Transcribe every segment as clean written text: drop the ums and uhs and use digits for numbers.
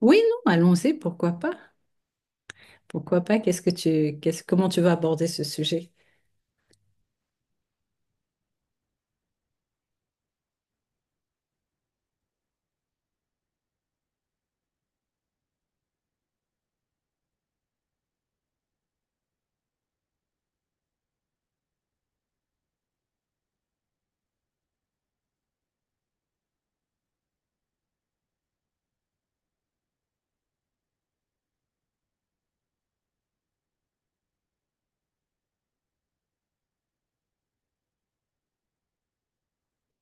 Oui, non, allons-y, pourquoi pas? Pourquoi pas? Qu'est-ce que tu, qu'est-ce, Comment tu vas aborder ce sujet?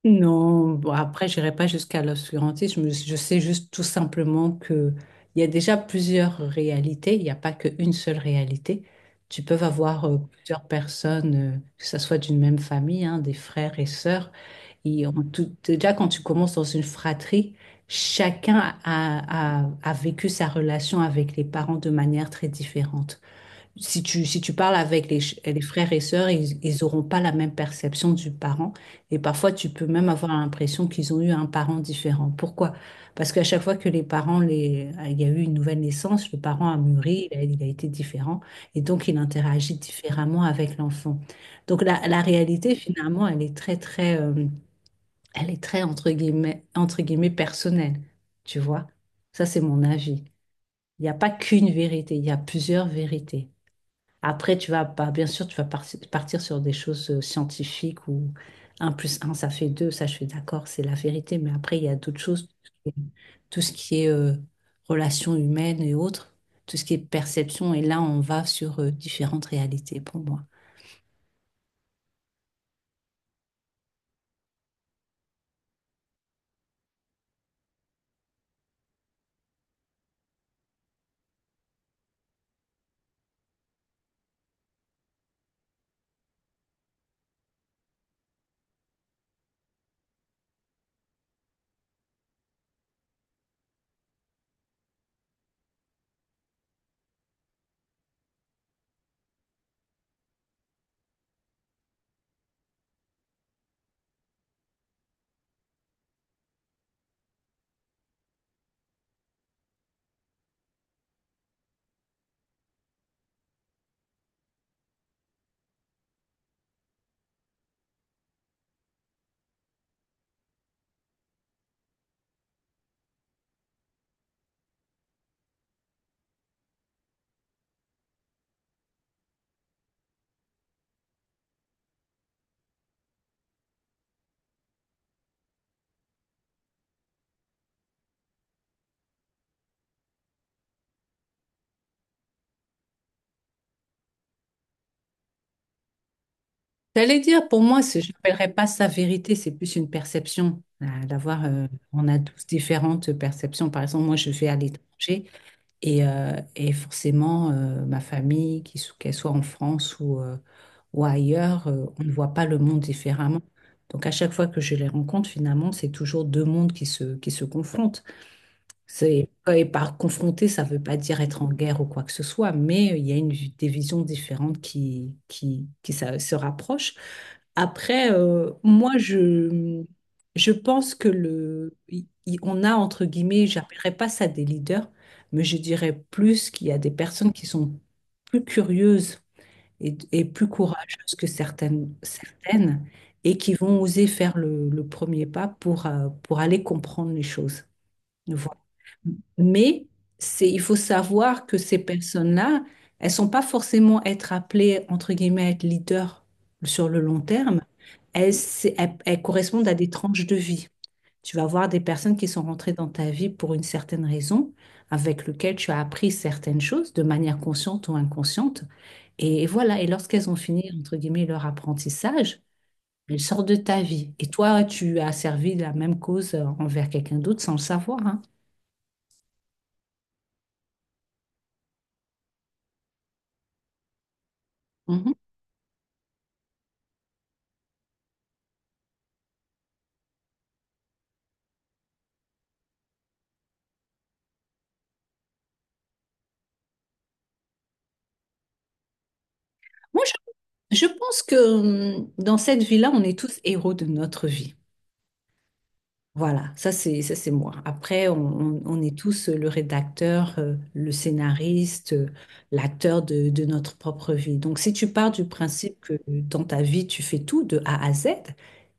Non, bon, après, j'irai pas jusqu'à l'obscurantisme. Je sais juste tout simplement que il y a déjà plusieurs réalités. Il n'y a pas qu'une seule réalité. Tu peux avoir plusieurs personnes, que ce soit d'une même famille, hein, des frères et sœurs. Et en tout, déjà, quand tu commences dans une fratrie, chacun a vécu sa relation avec les parents de manière très différente. Si tu parles avec les frères et sœurs, ils n'auront pas la même perception du parent. Et parfois, tu peux même avoir l'impression qu'ils ont eu un parent différent. Pourquoi? Parce qu'à chaque fois que les parents, les, il y a eu une nouvelle naissance, le parent a mûri, il a été différent. Et donc, il interagit différemment avec l'enfant. Donc, la réalité, finalement, elle est très, très, elle est très, entre guillemets, personnelle. Tu vois? Ça, c'est mon avis. Il n'y a pas qu'une vérité, il y a plusieurs vérités. Après, tu vas, pas bien sûr, tu vas partir sur des choses scientifiques où un plus un ça fait deux, ça je suis d'accord, c'est la vérité, mais après, il y a d'autres choses, tout ce qui est relations humaines et autres, tout ce qui est perception, et là, on va sur différentes réalités pour moi. J'allais dire, pour moi, je n'appellerais pas ça vérité, c'est plus une perception. On a tous différentes perceptions. Par exemple, moi, je vais à l'étranger. Et forcément, ma famille, qu'elle soit en France ou ailleurs, on ne voit pas le monde différemment. Donc à chaque fois que je les rencontre, finalement, c'est toujours deux mondes qui se confrontent. C'est, et par confronter, ça ne veut pas dire être en guerre ou quoi que ce soit, mais il y a des visions différentes se rapprochent. Après, moi, je pense que on a, entre guillemets, j'appellerais pas ça des leaders, mais je dirais plus qu'il y a des personnes qui sont plus curieuses et plus courageuses que certaines et qui vont oser faire le premier pas pour aller comprendre les choses. Voilà. Mais il faut savoir que ces personnes-là, elles sont pas forcément être appelées, entre guillemets, à être leaders sur le long terme. Elles correspondent à des tranches de vie. Tu vas voir des personnes qui sont rentrées dans ta vie pour une certaine raison, avec lequel tu as appris certaines choses de manière consciente ou inconsciente. Et, voilà, et lorsqu'elles ont fini, entre guillemets, leur apprentissage, elles sortent de ta vie. Et toi, tu as servi la même cause envers quelqu'un d'autre sans le savoir, hein. Mhm. Moi, je pense que dans cette vie-là, on est tous héros de notre vie. Voilà, ça c'est moi. Après, on est tous le rédacteur, le scénariste, l'acteur de notre propre vie. Donc, si tu pars du principe que dans ta vie, tu fais tout de A à Z,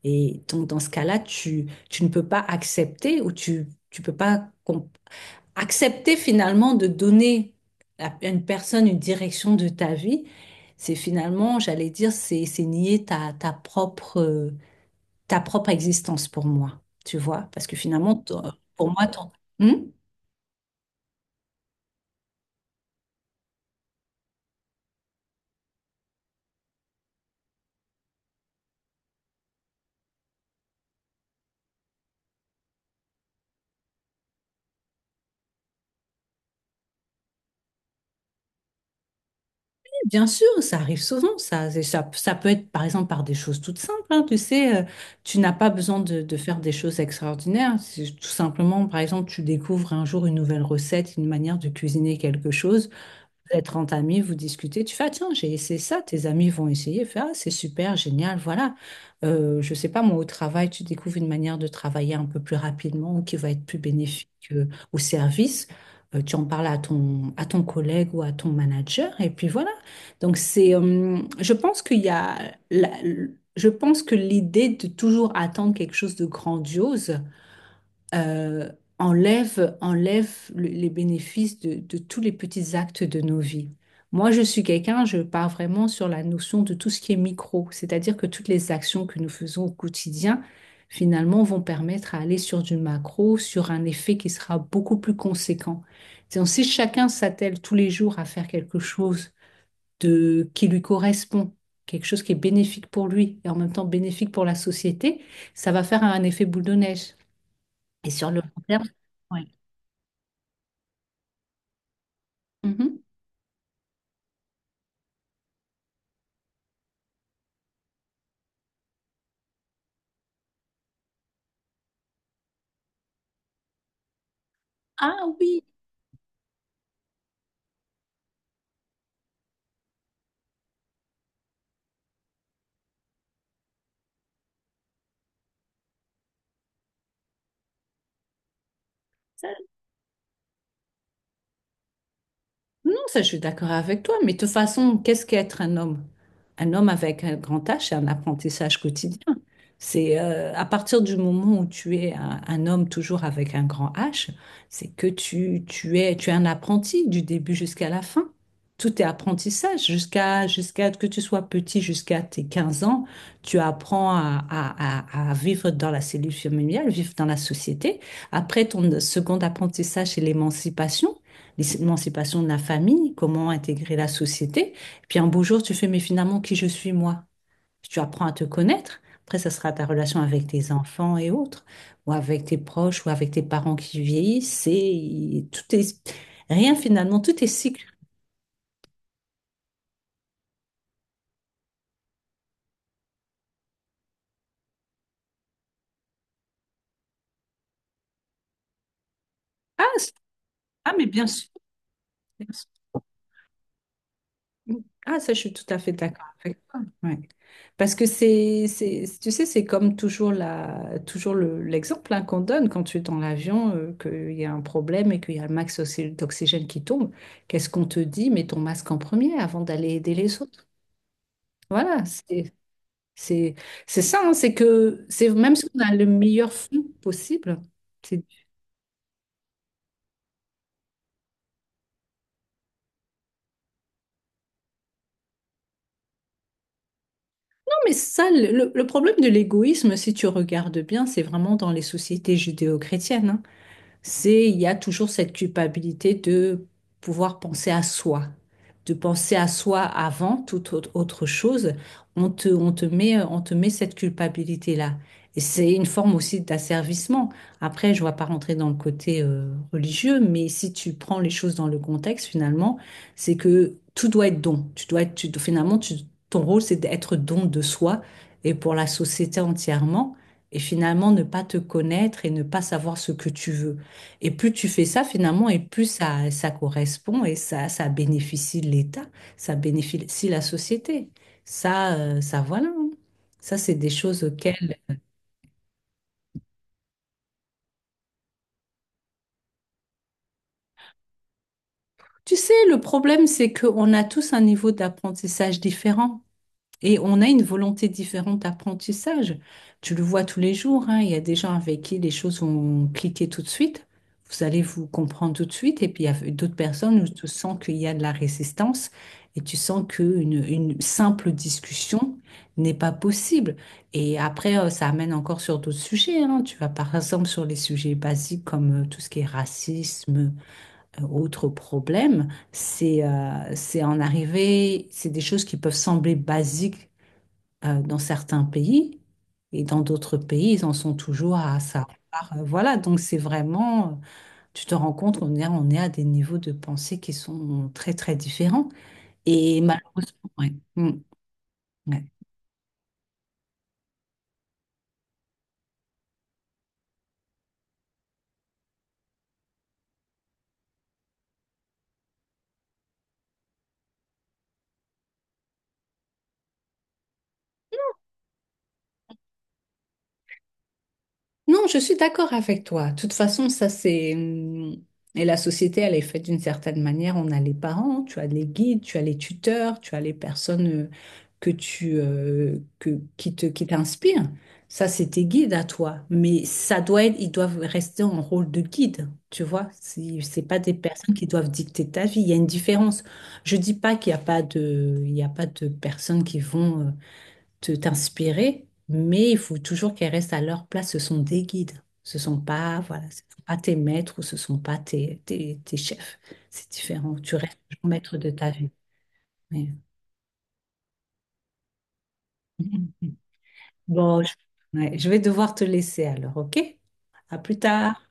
et donc dans ce cas-là, tu ne peux pas accepter ou tu peux pas accepter finalement de donner à une personne une direction de ta vie, c'est finalement, j'allais dire, c'est nier ta propre, ta propre existence pour moi, tu vois, parce que finalement, pour moi, ton. Hmm? Oui, bien sûr, ça arrive souvent, ça. Ça peut être par exemple par des choses toutes simples, hein, tu sais, tu n'as pas besoin de faire des choses extraordinaires, c'est tout simplement, par exemple, tu découvres un jour une nouvelle recette, une manière de cuisiner quelque chose. Vous êtes 30 amis, vous discutez, tu fais, ah, tiens, j'ai essayé ça, tes amis vont essayer, fais, ah, c'est super, génial, voilà. Je sais pas, moi, au travail, tu découvres une manière de travailler un peu plus rapidement ou qui va être plus bénéfique au service. Tu en parles à ton collègue ou à ton manager, et puis voilà. Donc, je pense qu'il y a, la- je pense que l'idée de toujours attendre quelque chose de grandiose, euh, enlève les bénéfices de tous les petits actes de nos vies. Moi, je suis quelqu'un, je pars vraiment sur la notion de tout ce qui est micro, c'est-à-dire que toutes les actions que nous faisons au quotidien, finalement, vont permettre à aller sur du macro, sur un effet qui sera beaucoup plus conséquent. Donc, si chacun s'attelle tous les jours à faire quelque chose de, qui lui correspond, quelque chose qui est bénéfique pour lui et en même temps bénéfique pour la société, ça va faire un effet boule de neige. Et sur le long terme, ouais. Mhm. Ah oui, ça, non, ça, je suis d'accord avec toi, mais de toute façon, qu'est-ce qu'être un homme? Un homme avec un grand H, c'est un apprentissage quotidien. C'est à partir du moment où tu es un homme toujours avec un grand H, c'est que tu es un apprenti du début jusqu'à la fin. Tout est apprentissage, jusqu'à que tu sois petit, jusqu'à tes 15 ans, tu apprends à vivre dans la cellule familiale, vivre dans la société. Après, ton second apprentissage, c'est l'émancipation de la famille, comment intégrer la société. Et puis un beau jour, tu fais, mais finalement, qui je suis moi? Tu apprends à te connaître. Après, ça sera ta relation avec tes enfants et autres, ou avec tes proches, ou avec tes parents qui vieillissent. C'est tout est rien finalement, tout est cycle. Ah, ah, mais bien sûr. Ah, ça, je suis tout à fait d'accord avec toi. Ouais. Parce que tu sais, c'est comme toujours la, toujours l'exemple, hein, qu'on donne quand tu es dans l'avion, qu'il y a un problème et qu'il y a le d'oxygène qui tombe. Qu'est-ce qu'on te dit? Mets ton masque en premier avant d'aller aider les autres. Voilà, c'est, c'est ça, hein, c'est que, c'est même si on a le meilleur fond possible. C'est mais ça, le problème de l'égoïsme, si tu regardes bien, c'est vraiment dans les sociétés judéo-chrétiennes, hein. c'est Il y a toujours cette culpabilité de pouvoir penser à soi, de penser à soi avant toute autre chose. On te met cette culpabilité-là. Et c'est une forme aussi d'asservissement. Après, je ne vais pas rentrer dans le côté religieux, mais si tu prends les choses dans le contexte, finalement, c'est que tout doit être don. Tu dois être, tu, finalement, ton rôle, c'est d'être don de soi et pour la société entièrement, et finalement ne pas te connaître et ne pas savoir ce que tu veux. Et plus tu fais ça finalement, et plus ça, ça correspond et ça bénéficie l'État, ça bénéficie la société. Ça, ça voilà, hein. Ça, c'est des choses auxquelles. Tu sais, le problème, c'est qu'on a tous un niveau d'apprentissage différent. Et on a une volonté différente d'apprentissage. Tu le vois tous les jours, hein, il y a des gens avec qui les choses vont cliquer tout de suite. Vous allez vous comprendre tout de suite. Et puis il y a d'autres personnes où tu sens qu'il y a de la résistance et tu sens qu'une simple discussion n'est pas possible. Et après, ça amène encore sur d'autres sujets, hein. Tu vas par exemple sur les sujets basiques comme tout ce qui est racisme, autres problèmes. C'est en arrivée, c'est des choses qui peuvent sembler basiques dans certains pays et dans d'autres pays, ils en sont toujours à ça. Alors, voilà, donc c'est vraiment, tu te rends compte qu'on est, on est à des niveaux de pensée qui sont très très différents. Et malheureusement, ouais. Mm. Ouais. Non, je suis d'accord avec toi. De toute façon, ça c'est. Et la société, elle est faite d'une certaine manière. On a les parents, tu as les guides, tu as les tuteurs, tu as les personnes que tu, que, qui te, qui t'inspirent. Ça, c'est tes guides à toi. Mais ça doit être, ils doivent rester en rôle de guide, tu vois. C'est pas des personnes qui doivent dicter ta vie. Il y a une différence. Je dis pas qu'il n'y a pas de, il y a pas de personnes qui vont. Te t'inspirer, mais il faut toujours qu'elles restent à leur place. Ce sont des guides. Ce sont pas, voilà, ce sont pas tes maîtres ou ce sont pas tes chefs. C'est différent. Tu restes toujours maître de ta vie. Mais- Bon, ouais, je vais devoir te laisser alors, ok? À plus tard.